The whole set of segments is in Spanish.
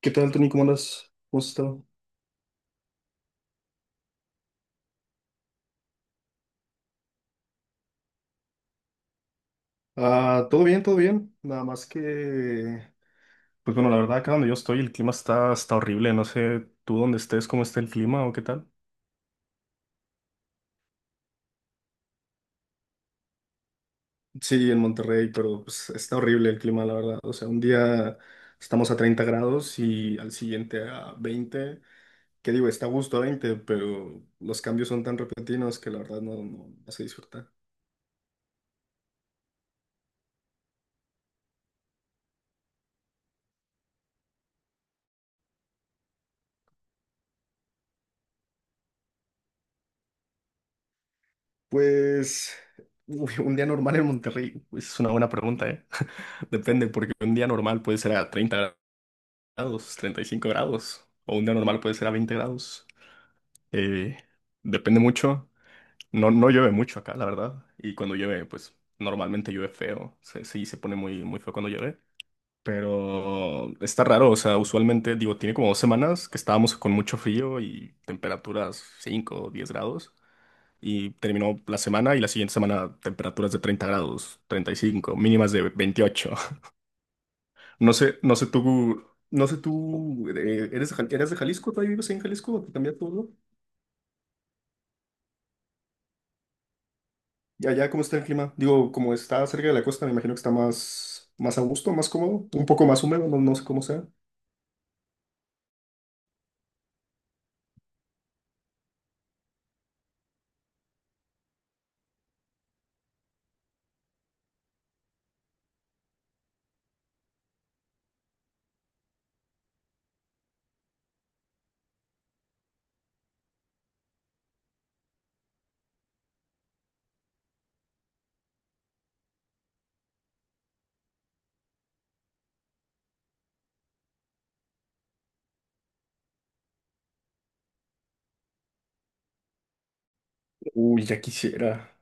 ¿Qué tal, Tony? ¿Cómo andas? ¿Cómo has estado? Ah, todo bien, todo bien. Nada más que, pues bueno, la verdad, acá donde yo estoy, el clima está horrible. No sé tú dónde estés, cómo está el clima o qué tal. Sí, en Monterrey, pero pues, está horrible el clima, la verdad. O sea, un día estamos a 30 grados y al siguiente a 20. ¿Qué digo? Está a gusto a 20, pero los cambios son tan repentinos que la verdad no se disfruta. Pues uy, un día normal en Monterrey, pues es una buena pregunta, ¿eh? Depende, porque un día normal puede ser a 30 grados, 35 grados, o un día normal puede ser a 20 grados. Eh, Depende mucho. No llueve mucho acá, la verdad. Y cuando llueve, pues normalmente llueve feo. Sí, se pone muy feo cuando llueve. Pero está raro, o sea, usualmente, digo, tiene como 2 semanas que estábamos con mucho frío y temperaturas 5, o 10 grados y terminó la semana y la siguiente semana temperaturas de 30 grados, 35 mínimas de 28. No sé, no sé tú, ¿eres de eres de Jalisco? ¿Todavía vives ahí en Jalisco? ¿Te cambiaste todo? ¿Y allá cómo está el clima? Digo, como está cerca de la costa, me imagino que está más a gusto, más cómodo, un poco más húmedo, no sé cómo sea. Uy, ya quisiera.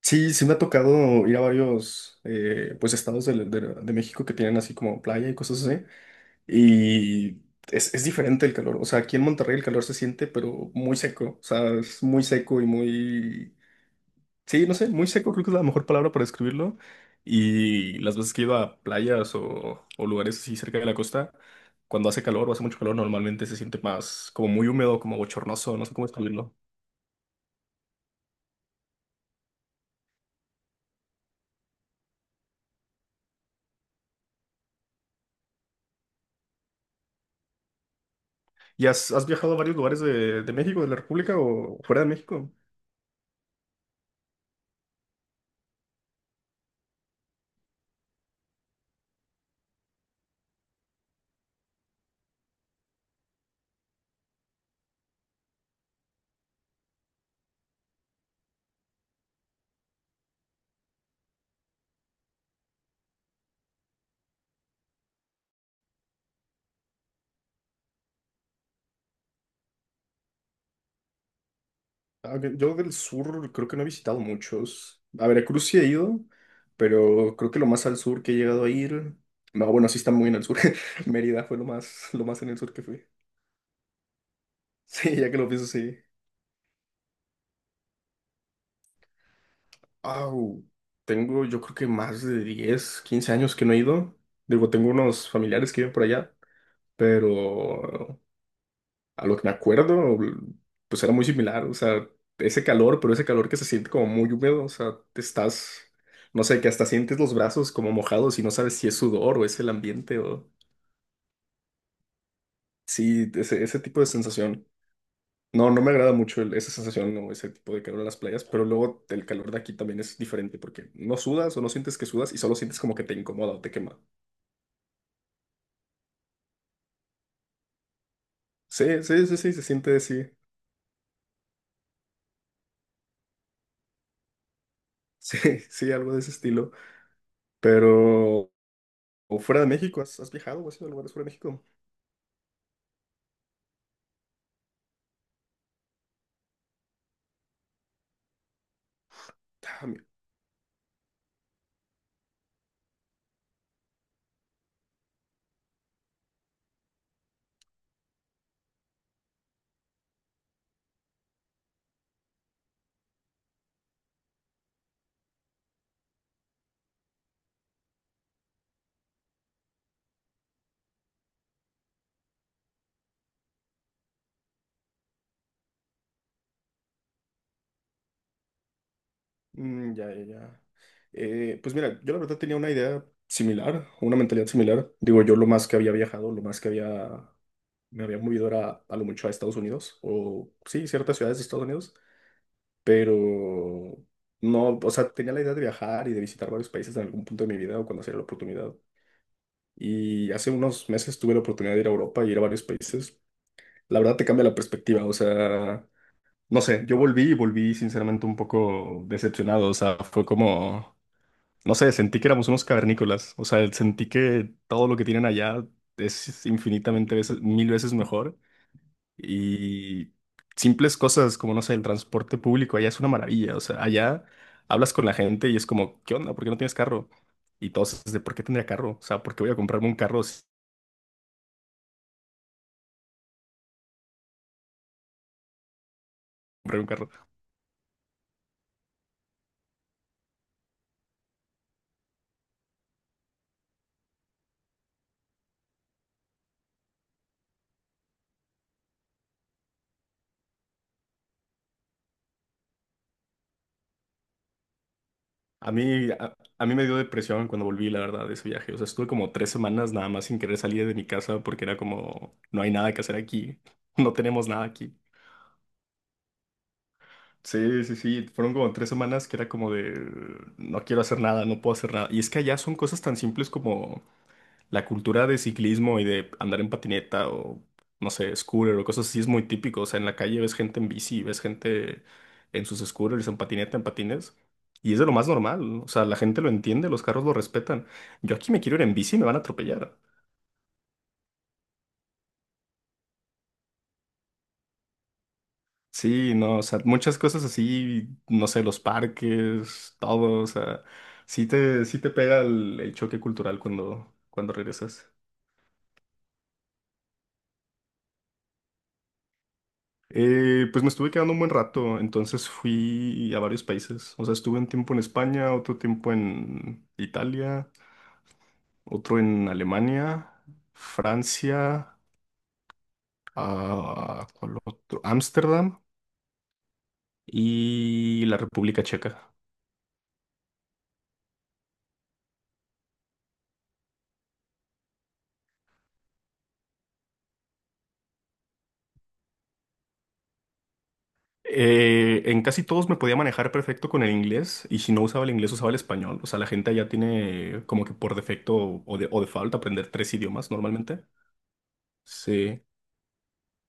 Sí, sí me ha tocado ir a varios pues estados de México que tienen así como playa y cosas así. Y es diferente el calor. O sea, aquí en Monterrey el calor se siente, pero muy seco. O sea, es muy seco y muy... Sí, no sé, muy seco creo que es la mejor palabra para describirlo. Y las veces que he ido a playas o lugares así cerca de la costa, cuando hace calor o hace mucho calor, normalmente se siente más como muy húmedo, como bochornoso, no sé cómo describirlo. ¿Y has viajado a varios lugares de México, de la República o fuera de México? Ah, ok. Yo del sur creo que no he visitado muchos. A Veracruz sí he ido, pero creo que lo más al sur que he llegado a ir. No, bueno, sí está muy en el sur. Mérida fue lo más en el sur que fui. Sí, ya que lo pienso, sí. Au, tengo yo creo que más de 10 15 años que no he ido. Digo, tengo unos familiares que viven por allá, pero a lo que me acuerdo, pues era muy similar, o sea, ese calor, pero ese calor que se siente como muy húmedo, o sea, te estás, no sé, que hasta sientes los brazos como mojados y no sabes si es sudor o es el ambiente o... Sí, ese tipo de sensación. No, no me agrada mucho esa sensación o ese tipo de calor en las playas, pero luego el calor de aquí también es diferente porque no sudas o no sientes que sudas y solo sientes como que te incomoda o te quema. Sí, se siente así. Sí, sí, algo de ese estilo. Pero, o fuera de México, ¿has viajado o has ido a lugares fuera de México? Ah, mi- ya. Pues mira, yo la verdad tenía una idea similar, una mentalidad similar. Digo, yo lo más que había viajado, lo más que había, me había movido era a lo mucho a Estados Unidos, o sí, ciertas ciudades de Estados Unidos, pero no, o sea, tenía la idea de viajar y de visitar varios países en algún punto de mi vida o cuando hacía la oportunidad. Y hace unos meses tuve la oportunidad de ir a Europa y ir a varios países. La verdad te cambia la perspectiva, o sea, no sé, yo volví sinceramente un poco decepcionado, o sea, fue como... No sé, sentí que éramos unos cavernícolas. O sea, sentí que todo lo que tienen allá es infinitamente veces, mil veces mejor. Y simples cosas como, no sé, el transporte público allá es una maravilla. O sea, allá hablas con la gente y es como, ¿qué onda? ¿Por qué no tienes carro? Y todos es de, ¿por qué tendría carro? O sea, ¿por qué voy a comprarme un carro si compré un carro? A mí me dio depresión cuando volví, la verdad, de ese viaje. O sea, estuve como 3 semanas nada más sin querer salir de mi casa porque era como, no hay nada que hacer aquí. No tenemos nada aquí. Sí, fueron como 3 semanas que era como de no quiero hacer nada, no puedo hacer nada. Y es que allá son cosas tan simples como la cultura de ciclismo y de andar en patineta o no sé, scooter o cosas así es muy típico. O sea, en la calle ves gente en bici, ves gente en sus scooters, en patineta, en patines. Y es de lo más normal, ¿no? O sea, la gente lo entiende, los carros lo respetan. Yo aquí me quiero ir en bici y me van a atropellar. Sí, no, o sea, muchas cosas así, no sé, los parques, todo, o sea, sí te pega el choque cultural cuando regresas. Pues me estuve quedando un buen rato, entonces fui a varios países, o sea, estuve un tiempo en España, otro tiempo en Italia, otro en Alemania, Francia, ah, ¿cuál otro? Ámsterdam y la República Checa. En casi todos me podía manejar perfecto con el inglés y si no usaba el inglés usaba el español. O sea, la gente allá tiene como que por defecto o de falta aprender 3 idiomas normalmente. Sí.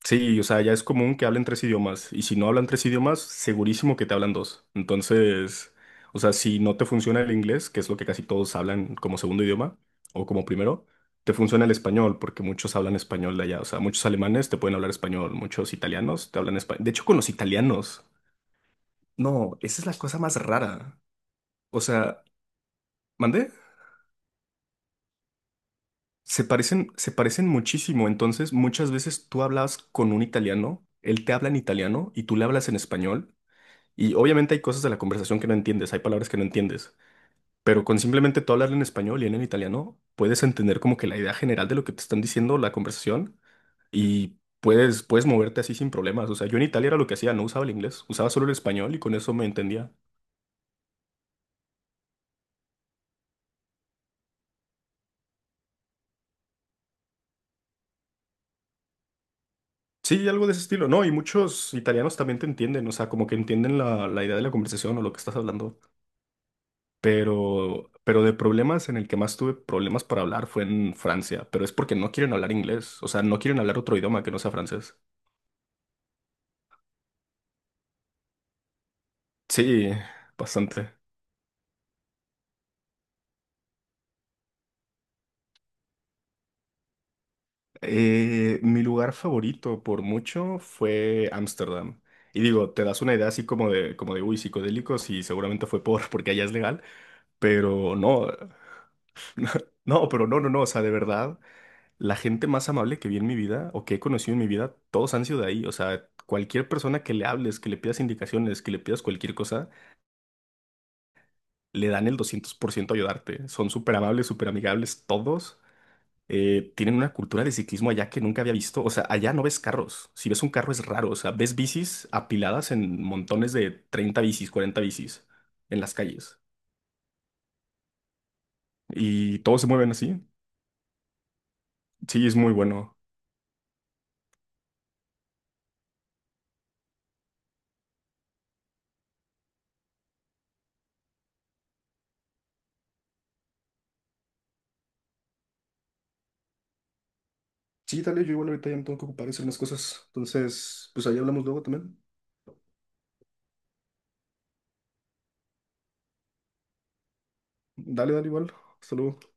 Sí, o sea, ya es común que hablen 3 idiomas y si no hablan 3 idiomas, segurísimo que te hablan 2. Entonces, o sea, si no te funciona el inglés, que es lo que casi todos hablan como segundo idioma o como primero, te funciona el español porque muchos hablan español de allá. O sea, muchos alemanes te pueden hablar español, muchos italianos te hablan español. De hecho, con los italianos. No, esa es la cosa más rara. O sea, ¿mandé? Se parecen muchísimo. Entonces, muchas veces tú hablas con un italiano, él te habla en italiano y tú le hablas en español. Y obviamente hay cosas de la conversación que no entiendes, hay palabras que no entiendes. Pero con simplemente tú hablarle en español y él en italiano, puedes entender como que la idea general de lo que te están diciendo, la conversación, y puedes moverte así sin problemas. O sea, yo en Italia era lo que hacía, no usaba el inglés, usaba solo el español y con eso me entendía. Sí, algo de ese estilo. No, y muchos italianos también te entienden, o sea, como que entienden la idea de la conversación o lo que estás hablando. Pero de problemas en el que más tuve problemas para hablar fue en Francia, pero es porque no quieren hablar inglés, o sea, no quieren hablar otro idioma que no sea francés. Sí, bastante. Mi lugar favorito por mucho fue Ámsterdam. Y digo, te das una idea así como uy, psicodélicos y seguramente fue porque allá es legal, pero no, no, o sea, de verdad. La gente más amable que vi en mi vida o que he conocido en mi vida, todos han sido de ahí. O sea, cualquier persona que le hables, que le pidas indicaciones, que le pidas cualquier cosa, le dan el 200% a ayudarte. Son súper amables, súper amigables todos. Tienen una cultura de ciclismo allá que nunca había visto. O sea, allá no ves carros. Si ves un carro es raro. O sea, ves bicis apiladas en montones de 30 bicis, 40 bicis en las calles. Y todos se mueven así. Sí, es muy bueno. Sí, dale, yo igual ahorita ya me tengo que ocupar de hacer unas cosas. Entonces, pues ahí hablamos luego también. Dale, dale igual. Saludos.